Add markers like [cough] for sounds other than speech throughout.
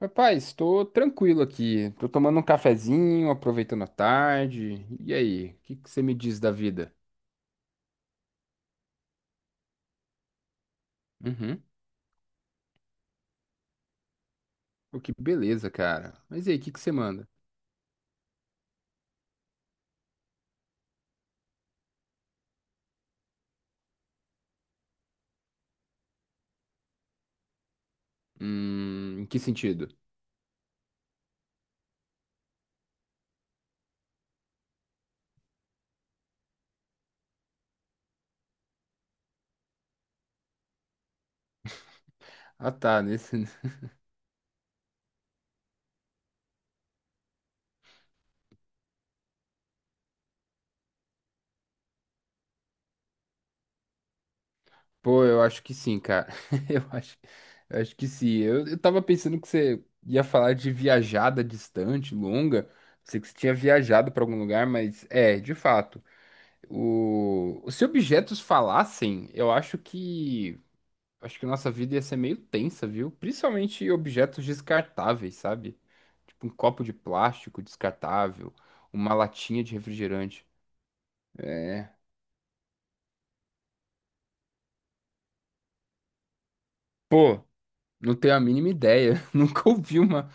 Rapaz, estou tranquilo aqui. Tô tomando um cafezinho, aproveitando a tarde. E aí, o que que você me diz da vida? Uhum. Pô, que beleza, cara. Mas e aí, o que que você manda? Em que sentido? Ah, tá, nesse... [laughs] Pô, eu acho que sim, cara. [laughs] Eu acho, eu acho que sim. Eu tava pensando que você ia falar de viajada distante, longa. Pensei que você tinha viajado para algum lugar, mas é, de fato. O... Se objetos falassem, eu acho que. Acho que nossa vida ia ser meio tensa, viu? Principalmente objetos descartáveis, sabe? Tipo um copo de plástico descartável, uma latinha de refrigerante. É. Pô, não tenho a mínima ideia. [laughs] Nunca ouvi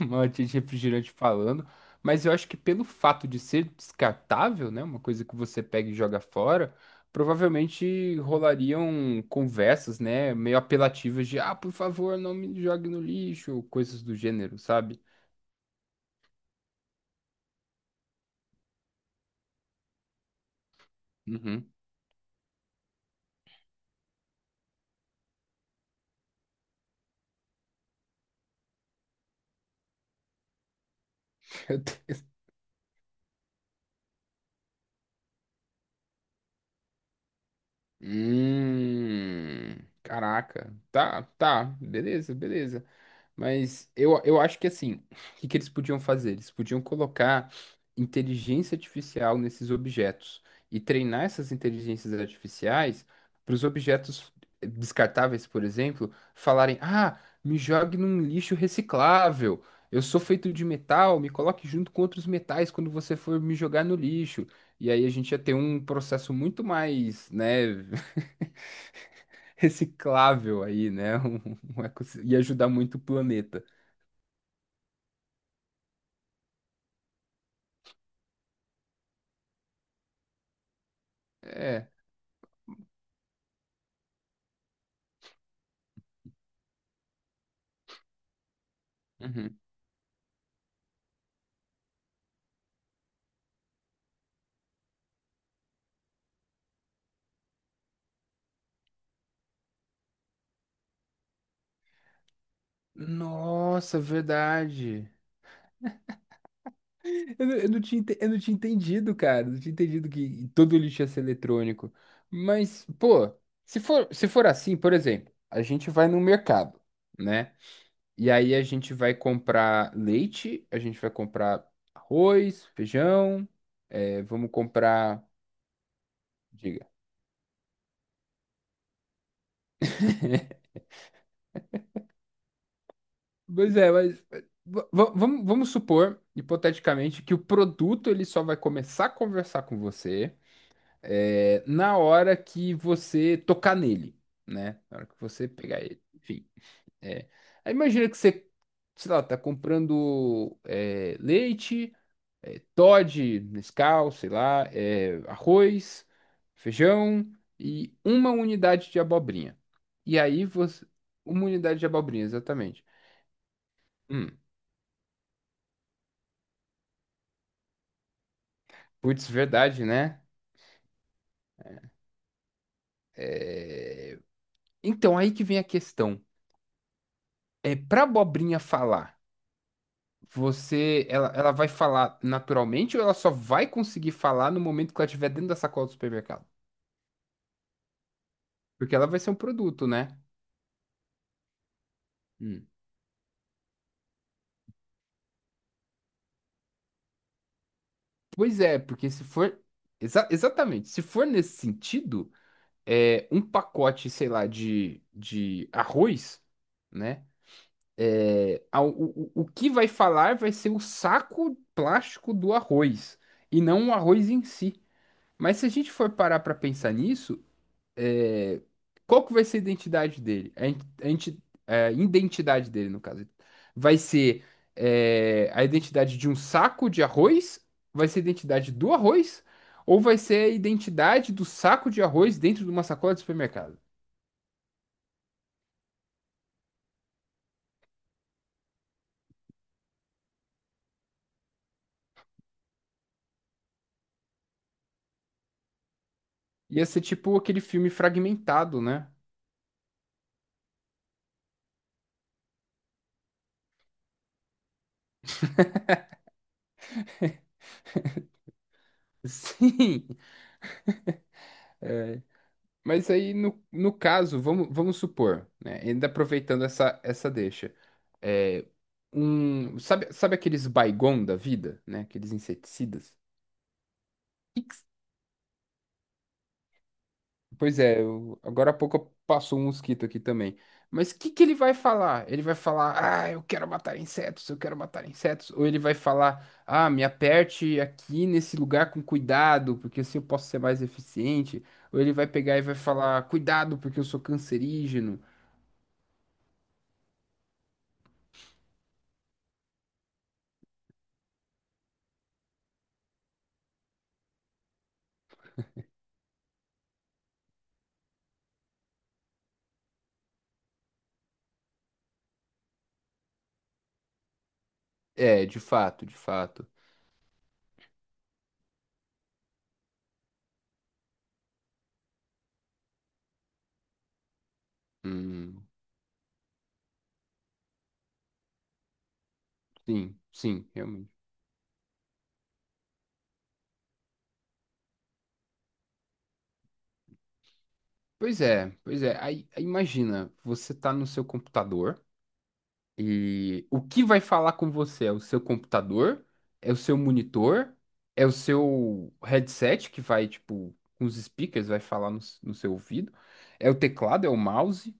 uma latinha de refrigerante falando. Mas eu acho que pelo fato de ser descartável, né? Uma coisa que você pega e joga fora, provavelmente rolariam conversas, né? Meio apelativas de, ah, por favor, não me jogue no lixo, ou coisas do gênero, sabe? Uhum. Meu Deus. Hum, caraca. Tá, tá, beleza, beleza. Mas eu acho que assim, o que que eles podiam fazer? Eles podiam colocar inteligência artificial nesses objetos e treinar essas inteligências artificiais para os objetos descartáveis, por exemplo, falarem: Ah, me jogue num lixo reciclável. Eu sou feito de metal, me coloque junto com outros metais quando você for me jogar no lixo. E aí a gente ia ter um processo muito mais, né, [laughs] reciclável aí, né? [laughs] Um ecossistema, ia ajudar muito o planeta. É. Uhum. Nossa, verdade. Eu não tinha, ente- eu não tinha entendido, cara. Eu não tinha entendido que todo lixo ia ser eletrônico. Mas, pô, se for assim, por exemplo, a gente vai no mercado, né? E aí a gente vai comprar leite, a gente vai comprar arroz, feijão, é, vamos comprar. Diga. Pois é, mas va- va- vamos supor, hipoteticamente, que o produto ele só vai começar a conversar com você é, na hora que você tocar nele, né? Na hora que você pegar ele. Enfim. É. Aí imagina que você, sei lá, tá comprando é, leite, é, Toddy, Nescau, sei lá, é, arroz, feijão e uma unidade de abobrinha. E aí você. Uma unidade de abobrinha, exatamente. Hum. Putz, verdade, né? É, então, aí que vem a questão. É, para abobrinha falar, você, ela vai falar naturalmente ou ela só vai conseguir falar no momento que ela estiver dentro da sacola do supermercado? Porque ela vai ser um produto, né? Hum. Pois é, porque se for. Exa- exatamente, se for nesse sentido, é, um pacote, sei lá, de arroz, né? É, a- o, o que vai falar vai ser o saco plástico do arroz e não o arroz em si. Mas se a gente for parar pra pensar nisso, é, qual que vai ser a identidade dele? A, in- a inti- a identidade dele, no caso. Vai ser é, a identidade de um saco de arroz? Vai ser a identidade do arroz? Ou vai ser a identidade do saco de arroz dentro de uma sacola de supermercado? Ia ser tipo aquele filme fragmentado, né? [laughs] Sim. Mas aí, no caso, vamos supor, né? Ainda aproveitando essa deixa. É, um, sabe aqueles Baygon da vida, né? Aqueles inseticidas? Que- Pois é, eu- agora há pouco passou um mosquito aqui também. Mas o que que ele vai falar? Ele vai falar, ah, eu quero matar insetos, eu quero matar insetos. Ou ele vai falar, ah, me aperte aqui nesse lugar com cuidado, porque assim eu posso ser mais eficiente. Ou ele vai pegar e vai falar, cuidado, porque eu sou cancerígeno. É, de fato, de fato. Hum, sim, sim, realmente. Pois é, pois é. Aí, aí imagina, você tá no seu computador e o que vai falar com você é o seu computador, é o seu monitor, é o seu headset que vai, tipo, com os speakers, vai falar no, s- no seu ouvido, é o teclado, é o mouse,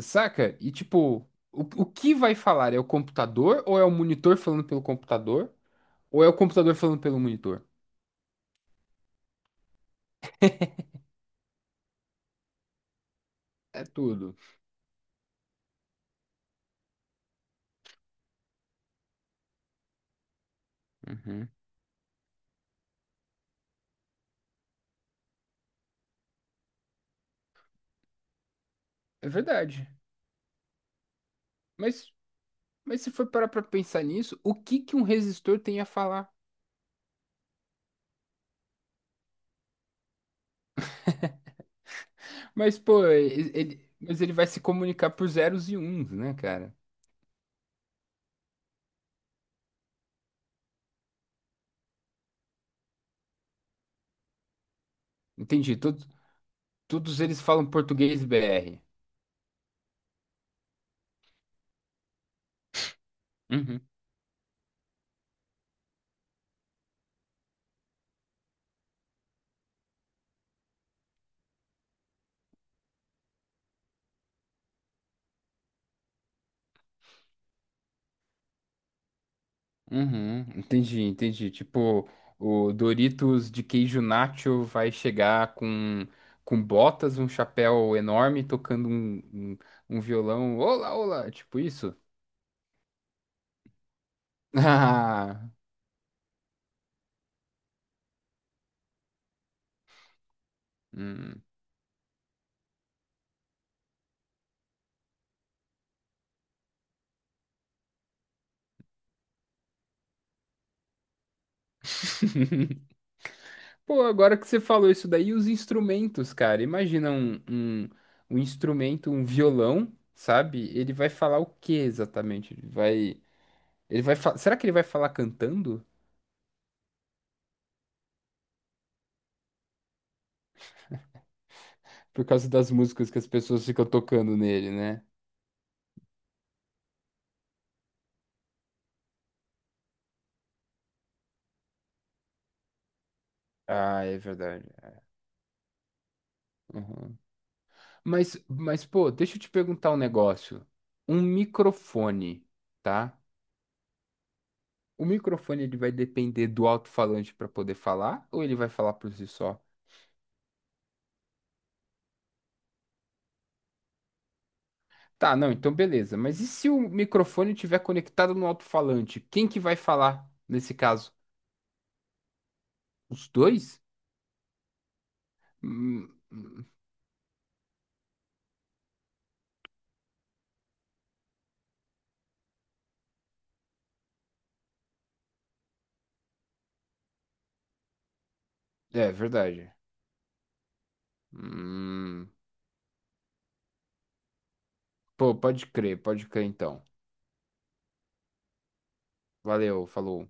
saca? E, tipo, o que vai falar? É o computador ou é o monitor falando pelo computador? Ou é o computador falando pelo monitor? É tudo. É verdade. Mas, mas se for parar pra pensar nisso, o que que um resistor tem a falar? Mas, pô, ele- mas ele vai se comunicar por zeros e uns, né, cara? Entendi. Todos, todos eles falam português BR. Uhum, uhum. Entendi, entendi. Tipo, o Doritos de queijo nacho vai chegar com botas, um chapéu enorme, tocando um, um, um violão. Olá, olá! Tipo isso? [laughs] Ah, hum. [laughs] Pô, agora que você falou isso daí, os instrumentos, cara. Imagina um, um, um instrumento, um violão, sabe? Ele vai falar o que exatamente? Ele vai, fa- será que ele vai falar cantando? Por causa das músicas que as pessoas ficam tocando nele, né? Ah, é verdade. Uhum. Mas, pô, deixa eu te perguntar um negócio. Um microfone, tá? O microfone ele vai depender do alto-falante para poder falar ou ele vai falar por si só? Tá, não, então beleza. Mas e se o microfone estiver conectado no alto-falante? Quem que vai falar nesse caso? Os dois? Hum, hum, é verdade. Hum, pô, pode crer então. Valeu, falou.